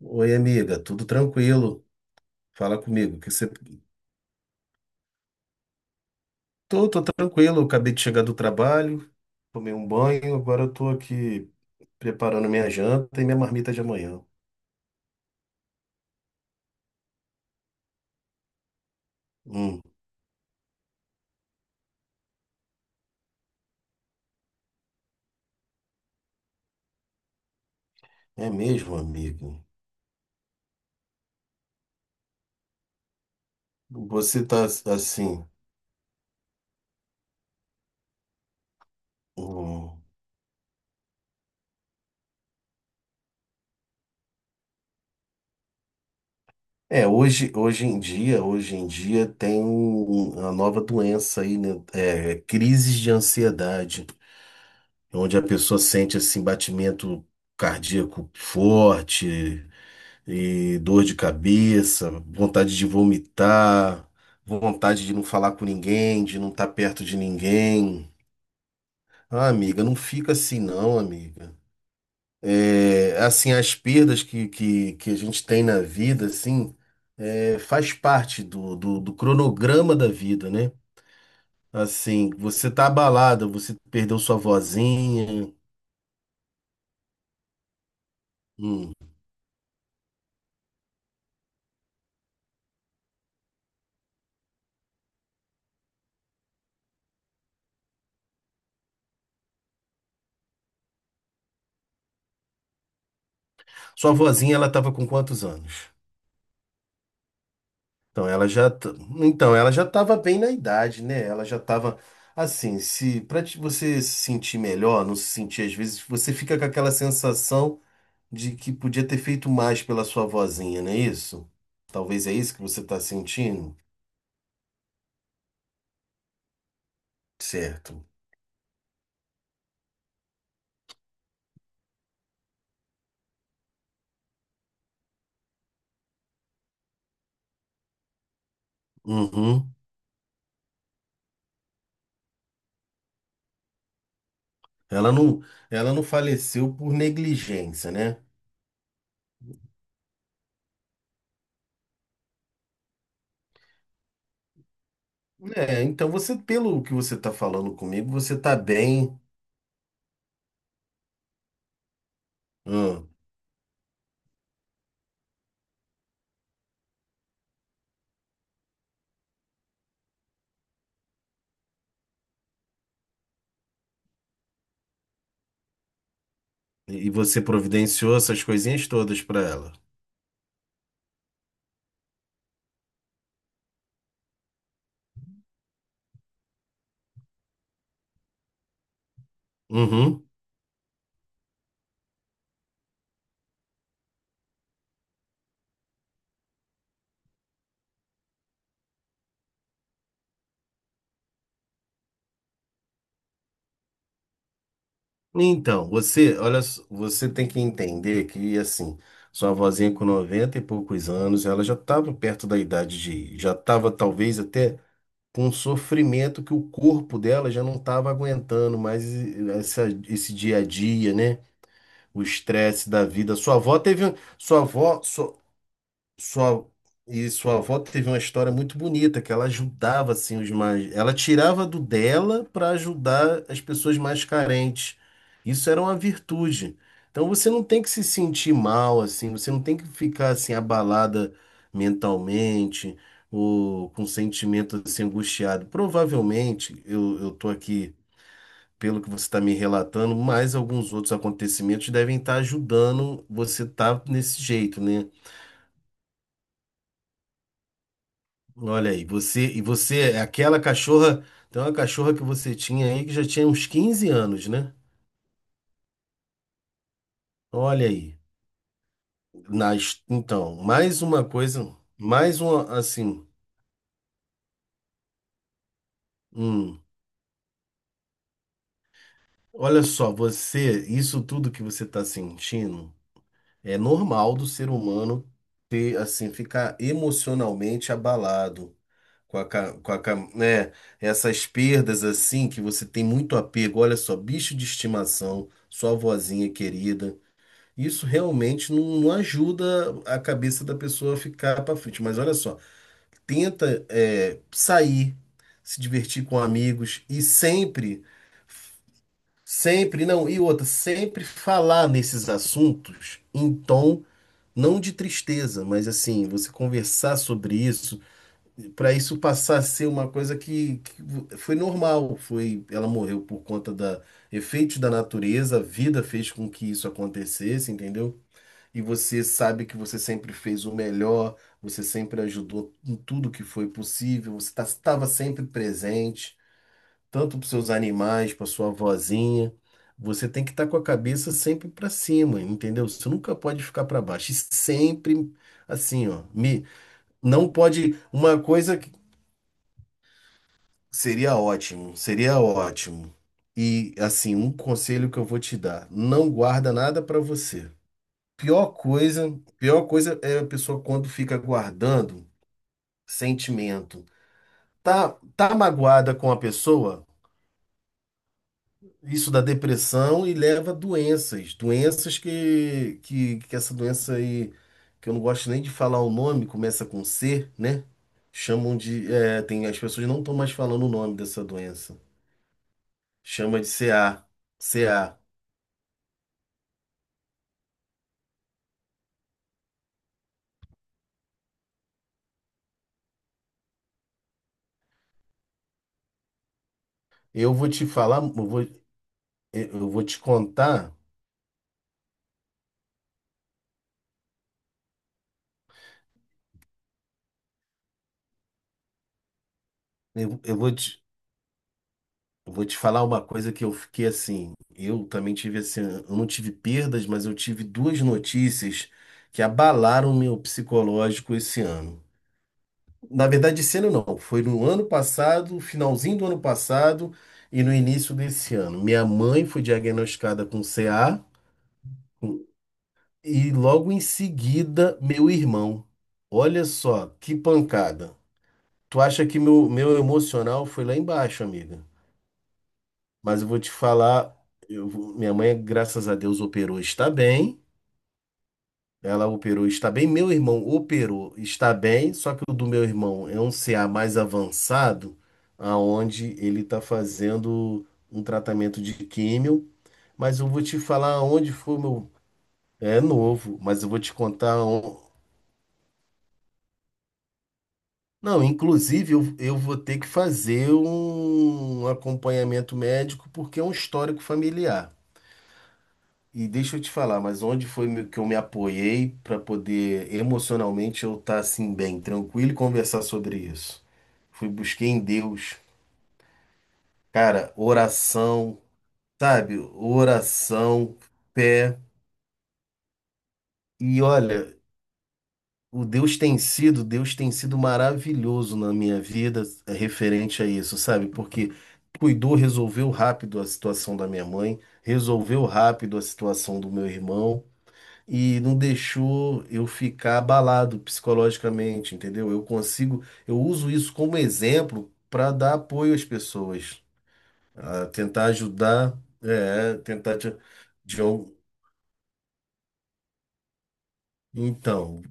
Oi, amiga, tudo tranquilo? Fala comigo, que você... Tô tranquilo, eu acabei de chegar do trabalho, tomei um banho, agora eu tô aqui preparando minha janta e minha marmita de amanhã. Hum. É mesmo, amigo? Você tá assim... Hum. É, hoje em dia tem uma nova doença aí, né? É, crises de ansiedade, onde a pessoa sente assim batimento cardíaco forte, e dor de cabeça, vontade de vomitar, vontade de não falar com ninguém, de não estar perto de ninguém. Ah, amiga, não fica assim não, amiga. É, assim, as perdas que a gente tem na vida, assim, é, faz parte do cronograma da vida, né? Assim, você tá abalada, você perdeu sua vozinha. Hum. Sua vozinha, ela tava com quantos anos? Então, ela já, t- então, ela já estava bem na idade, né? Ela já estava assim, se para você se sentir melhor, não se sentir às vezes, você fica com aquela sensação de que podia ter feito mais pela sua vozinha, não é isso? Talvez é isso que você está sentindo? Certo. Uhum. Ela não, ela não faleceu por negligência, né? É, então você, pelo que você está falando comigo, você está bem. Hum. E você providenciou essas coisinhas todas para ela. Uhum. Então, você, olha, só, você tem que entender que, assim, sua vozinha com 90 e poucos anos, ela já estava perto da idade de, já estava talvez até com um sofrimento que o corpo dela já não estava aguentando mais esse dia a dia, né? O estresse da vida. Sua avó teve, sua avó, sua, e sua avó teve uma história muito bonita, que ela ajudava assim os mais, ela tirava do dela para ajudar as pessoas mais carentes. Isso era uma virtude. Então você não tem que se sentir mal assim, você não tem que ficar assim abalada mentalmente ou com sentimento assim angustiado. Provavelmente, eu tô aqui pelo que você está me relatando, mais alguns outros acontecimentos devem estar ajudando você estar nesse jeito, né? Olha aí, você e você é aquela cachorra, tem uma cachorra que você tinha aí que já tinha uns 15 anos, né? Olha aí. Então, mais uma coisa, mais uma assim. Hum. Olha só, você, isso tudo que você está sentindo é normal do ser humano ter assim ficar emocionalmente abalado né, essas perdas assim que você tem muito apego. Olha só, bicho de estimação, sua vozinha querida. Isso realmente não, não ajuda a cabeça da pessoa a ficar para frente. Mas olha só, tenta é, sair, se divertir com amigos e sempre, sempre, não, e outra, sempre falar nesses assuntos em tom não de tristeza, mas assim, você conversar sobre isso, para isso passar a ser uma coisa que foi normal, foi, ela morreu por conta da efeitos da natureza, a vida fez com que isso acontecesse, entendeu? E você sabe que você sempre fez o melhor, você sempre ajudou em tudo que foi possível, você estava sempre presente, tanto para seus animais, para sua vozinha. Você tem que estar com a cabeça sempre para cima, entendeu? Você nunca pode ficar para baixo. E sempre assim, ó. Me, não pode. Uma coisa que seria ótimo, seria ótimo. E assim, um conselho que eu vou te dar: não guarda nada para você. Pior coisa, pior coisa é a pessoa quando fica guardando sentimento. Tá, tá magoada com a pessoa, isso dá depressão e leva a doenças, doenças que essa doença aí, que eu não gosto nem de falar o nome, começa com C, né? Chamam de, é, tem, as pessoas não estão mais falando o nome dessa doença. Chama de CA, CA. Eu vou te falar, eu vou, eu vou te contar, eu, eu vou te Eu vou te falar uma coisa que eu fiquei assim. Eu também tive assim, eu não tive perdas, mas eu tive duas notícias que abalaram meu psicológico esse ano. Na verdade, esse ano não, foi no ano passado, finalzinho do ano passado e no início desse ano. Minha mãe foi diagnosticada com CA com- e logo em seguida meu irmão. Olha só, que pancada. Tu acha que meu emocional foi lá embaixo, amiga? Mas eu vou te falar, minha mãe, graças a Deus, operou, está bem. Ela operou, está bem. Meu irmão operou, está bem. Só que o do meu irmão é um CA mais avançado, aonde ele está fazendo um tratamento de químio. Mas eu vou te falar onde foi o meu. É novo, mas eu vou te contar. Não, inclusive eu vou ter que fazer um acompanhamento médico porque é um histórico familiar. E deixa eu te falar, mas onde foi que eu me apoiei para poder emocionalmente eu estar assim bem, tranquilo e conversar sobre isso? Fui busquei em Deus, cara, oração, sabe? Oração, pé. E olha, o Deus tem sido maravilhoso na minha vida, referente a isso, sabe? Porque cuidou, resolveu rápido a situação da minha mãe, resolveu rápido a situação do meu irmão. E não deixou eu ficar abalado psicologicamente, entendeu? Eu consigo, eu uso isso como exemplo para dar apoio às pessoas, a tentar ajudar, é, tentar te, de al- então,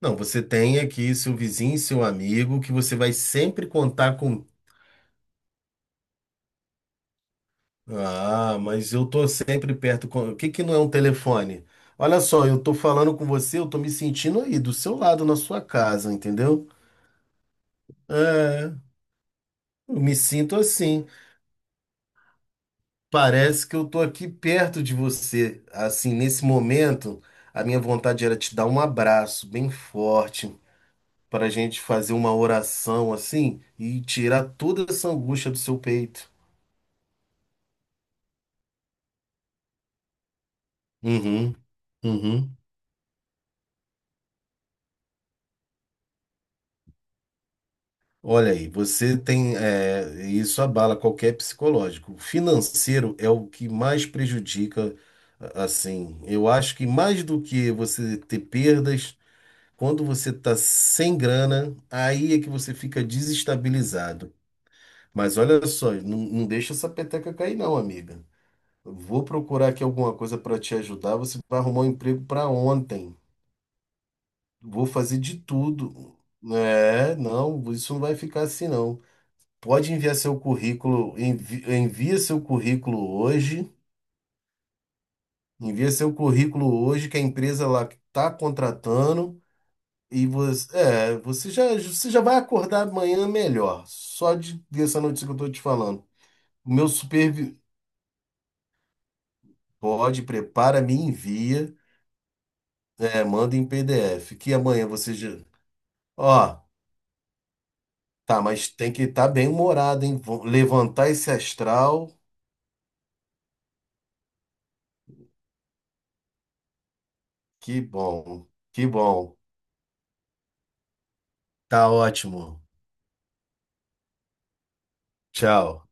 não, você tem aqui seu vizinho, seu amigo, que você vai sempre contar com. Ah, mas eu tô sempre perto com. O que que não é um telefone? Olha só, eu tô falando com você, eu tô me sentindo aí do seu lado na sua casa, entendeu? É, eu me sinto assim. Parece que eu tô aqui perto de você. Assim, nesse momento, a minha vontade era te dar um abraço bem forte para a gente fazer uma oração assim e tirar toda essa angústia do seu peito. Uhum, uhum. Olha aí, você tem, é, isso abala qualquer psicológico. O financeiro é o que mais prejudica, assim. Eu acho que mais do que você ter perdas quando você tá sem grana, aí é que você fica desestabilizado. Mas olha só, não, não deixa essa peteca cair, não, amiga. Vou procurar aqui alguma coisa para te ajudar. Você vai arrumar um emprego para ontem. Vou fazer de tudo. É, não, isso não vai ficar assim, não. Pode enviar seu currículo, envia seu currículo hoje. Envia seu currículo hoje, que a empresa lá está contratando. E você, é, você já vai acordar amanhã melhor, só de dessa notícia que eu tô te falando. O meu supervi Pode, prepara, me envia, é, manda em PDF, que amanhã você já... Ó, tá, mas tem que estar bem humorado, hein? Vou levantar esse astral, que bom, que bom. Tá ótimo. Tchau.